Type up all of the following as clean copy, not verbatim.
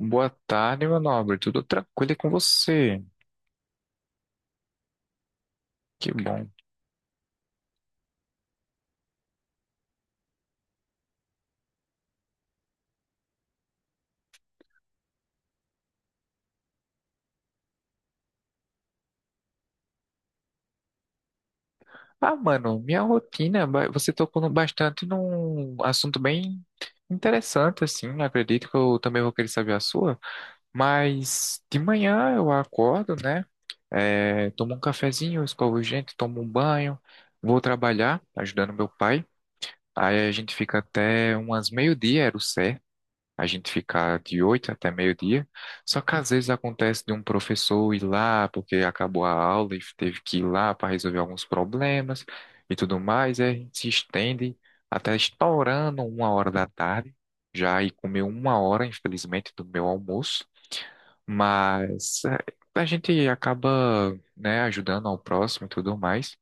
Boa tarde, meu nobre. Tudo tranquilo e com você? Que bom. Ah, mano, minha rotina, ba- você tocou no- bastante num assunto bem interessante, assim, né? Acredito que eu também vou querer saber a sua. Mas de manhã eu acordo, né? É, tomo um cafezinho, escovo os dentes, tomo um banho, vou trabalhar ajudando meu pai. Aí a gente fica até umas meio-dia, era o certo. A gente ficar de 8 até meio-dia. Só que às vezes acontece de um professor ir lá porque acabou a aula e teve que ir lá para resolver alguns problemas e tudo mais, e a gente se estende até estourando 1 hora da tarde, já e comeu 1 hora, infelizmente, do meu almoço, mas a gente acaba, né, ajudando ao próximo e tudo mais.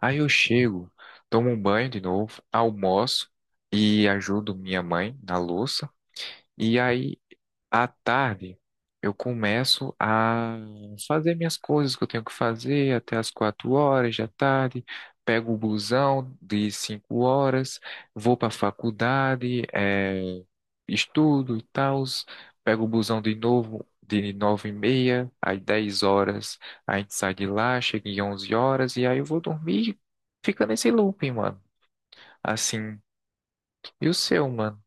Aí eu chego, tomo um banho de novo, almoço e ajudo minha mãe na louça. E aí à tarde, eu começo a fazer minhas coisas que eu tenho que fazer até as 4 horas da tarde. Pego o busão de 5 horas, vou para a faculdade, estudo e tal. Pego o busão de novo de 9h30, às 10 horas a gente sai de lá, chega em 11 horas e aí eu vou dormir. Fica nesse looping, mano. Assim. E o seu, mano?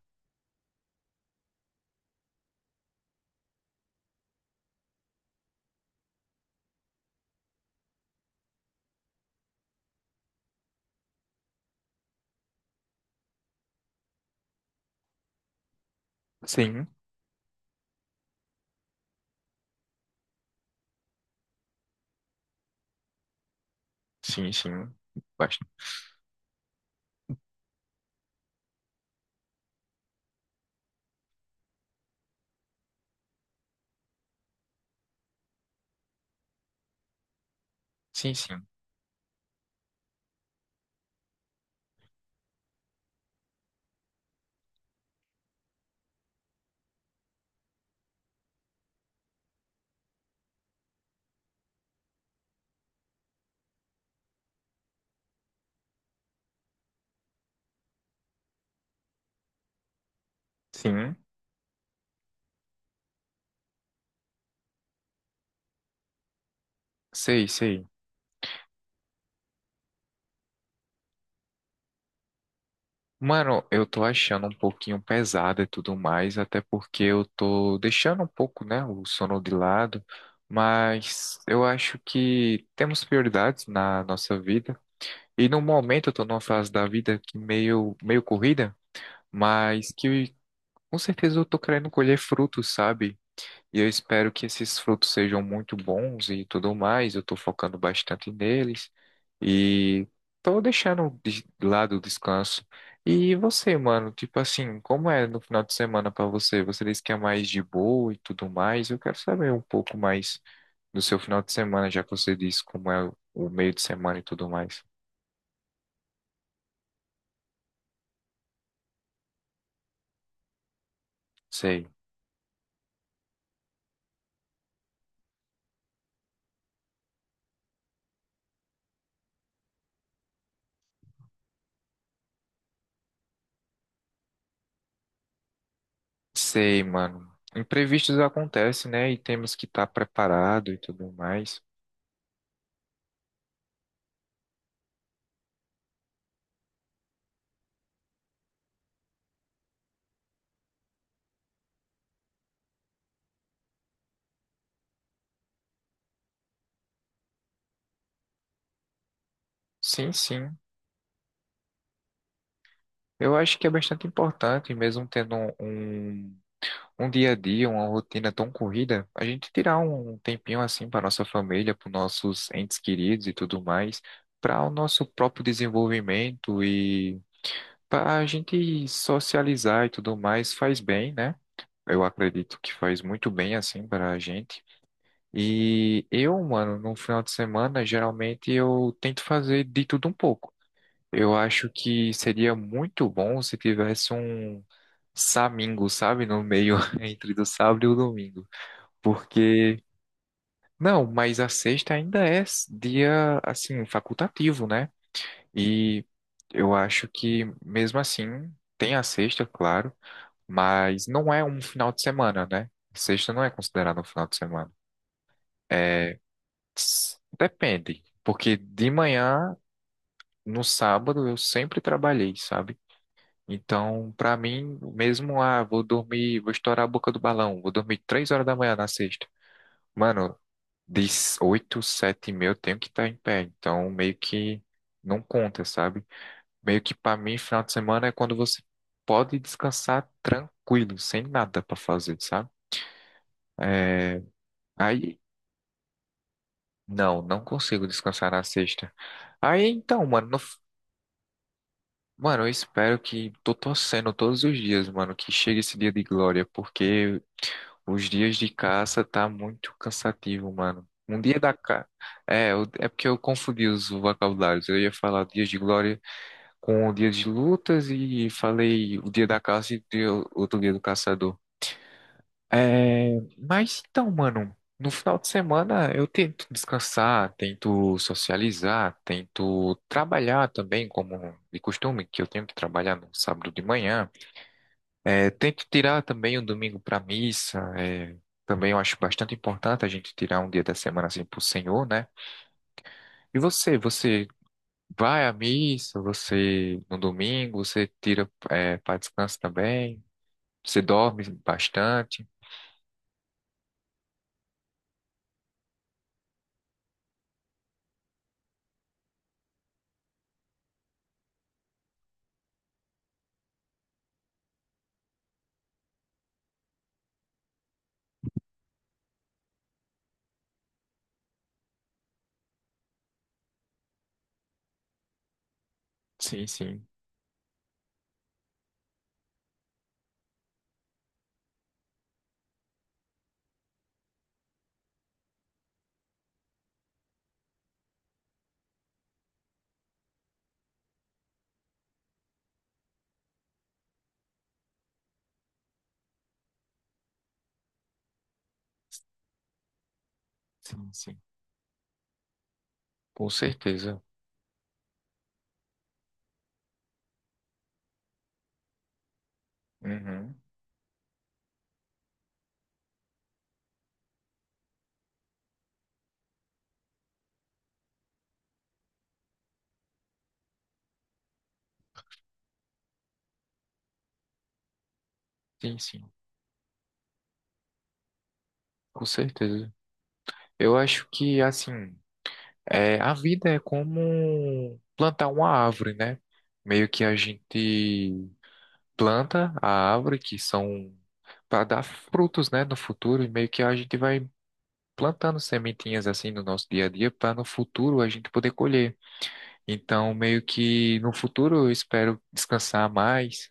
Sim, sim, sim. Bast- Sim, sim. Sim. Sei, sei. Mano, eu tô achando um pouquinho pesado e tudo mais, até porque eu tô deixando um pouco, né, o sono de lado, mas eu acho que temos prioridades na nossa vida. E no momento eu tô numa fase da vida que meio corrida, mas que com certeza eu tô querendo colher frutos, sabe? E eu espero que esses frutos sejam muito bons e tudo mais. Eu estou focando bastante neles e estou deixando de lado o descanso. E você, mano, tipo assim, como é no final de semana para você? Você disse que é mais de boa e tudo mais. Eu quero saber um pouco mais do seu final de semana, já que você disse como é o meio de semana e tudo mais. Sei, sei, mano. Imprevistos acontecem, né? E temos que estar preparado e tudo mais. Sim, sim. Eu acho que é bastante importante, mesmo tendo um dia a dia, uma rotina tão corrida, a gente tirar um tempinho assim para nossa família, para nossos entes queridos e tudo mais, para o nosso próprio desenvolvimento e para a gente socializar e tudo mais, faz bem, né? Eu acredito que faz muito bem assim para a gente. E eu, mano, no final de semana, geralmente eu tento fazer de tudo um pouco. Eu acho que seria muito bom se tivesse um Samingo, sabe? No meio entre do sábado e o domingo. Porque, não, mas a sexta ainda é dia, assim, facultativo, né? E eu acho que, mesmo assim, tem a sexta, claro, mas não é um final de semana, né? Sexta não é considerada um final de semana. É, depende. Porque de manhã, no sábado, eu sempre trabalhei, sabe? Então, pra mim, mesmo, ah, vou dormir, vou estourar a boca do balão, vou dormir 3 horas da manhã na sexta. Mano, de 8, 7h30 eu tenho que estar em pé, então meio que não conta, sabe? Meio que pra mim, final de semana é quando você pode descansar tranquilo, sem nada pra fazer, sabe? É, aí, não, não consigo descansar na sexta. Aí, então, mano, no, Mano, eu espero que tô torcendo todos os dias, mano, que chegue esse dia de glória, porque os dias de caça tá muito cansativo, mano. Um dia da ca... É, é porque eu confundi os vocabulários. Eu ia falar dias de glória com o dia de lutas e falei o dia da caça e outro dia do caçador. É, mas então, mano, no final de semana eu tento descansar, tento socializar, tento trabalhar também, como de costume, que eu tenho que trabalhar no sábado de manhã. É, tento tirar também o domingo para missa. É, também eu acho bastante importante a gente tirar um dia da semana assim pro Senhor, né? E você, você vai à missa, você no domingo, você tira para descanso também, você dorme bastante. Sim, sim, sim, sim. Com certeza. Uhum. Sim, sim, com certeza. Eu acho que, assim, a vida é como plantar uma árvore, né? Meio que a gente planta a árvore, que são para dar frutos, né, no futuro, e meio que a gente vai plantando sementinhas assim no nosso dia a dia para no futuro a gente poder colher. Então, meio que no futuro eu espero descansar mais,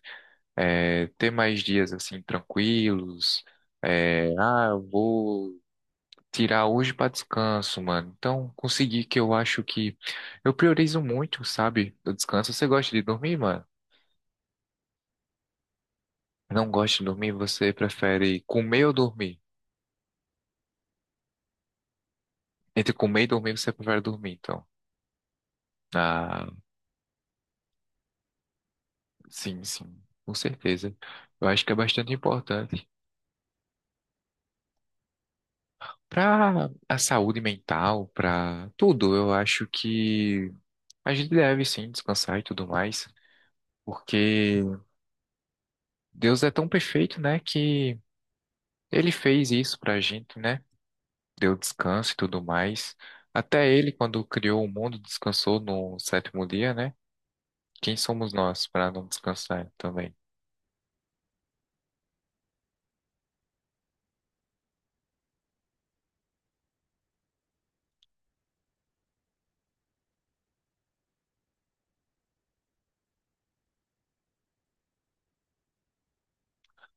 ter mais dias assim tranquilos. Eu vou tirar hoje para descanso, mano. Então, consegui que eu acho que eu priorizo muito, sabe, o descanso. Você gosta de dormir, mano? Não gosta de dormir, você prefere comer ou dormir? Entre comer e dormir, você prefere dormir, então. Ah, sim, sim, com certeza. Eu acho que é bastante importante. Para a saúde mental, para tudo, eu acho que a gente deve sim descansar e tudo mais, porque Deus é tão perfeito, né, que ele fez isso pra gente, né? Deu descanso e tudo mais. Até ele, quando criou o mundo, descansou no sétimo dia, né? Quem somos nós para não descansar também?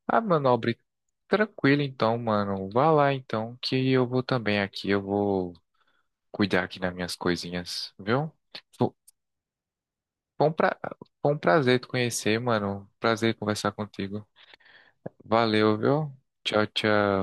Ah, meu nobre, tranquilo então, mano. Vá lá então, que eu vou também aqui, eu vou cuidar aqui das minhas coisinhas, viu? Fo- Foi um, pra... Foi um prazer te conhecer, mano. Prazer conversar contigo. Valeu, viu? Tchau, tchau.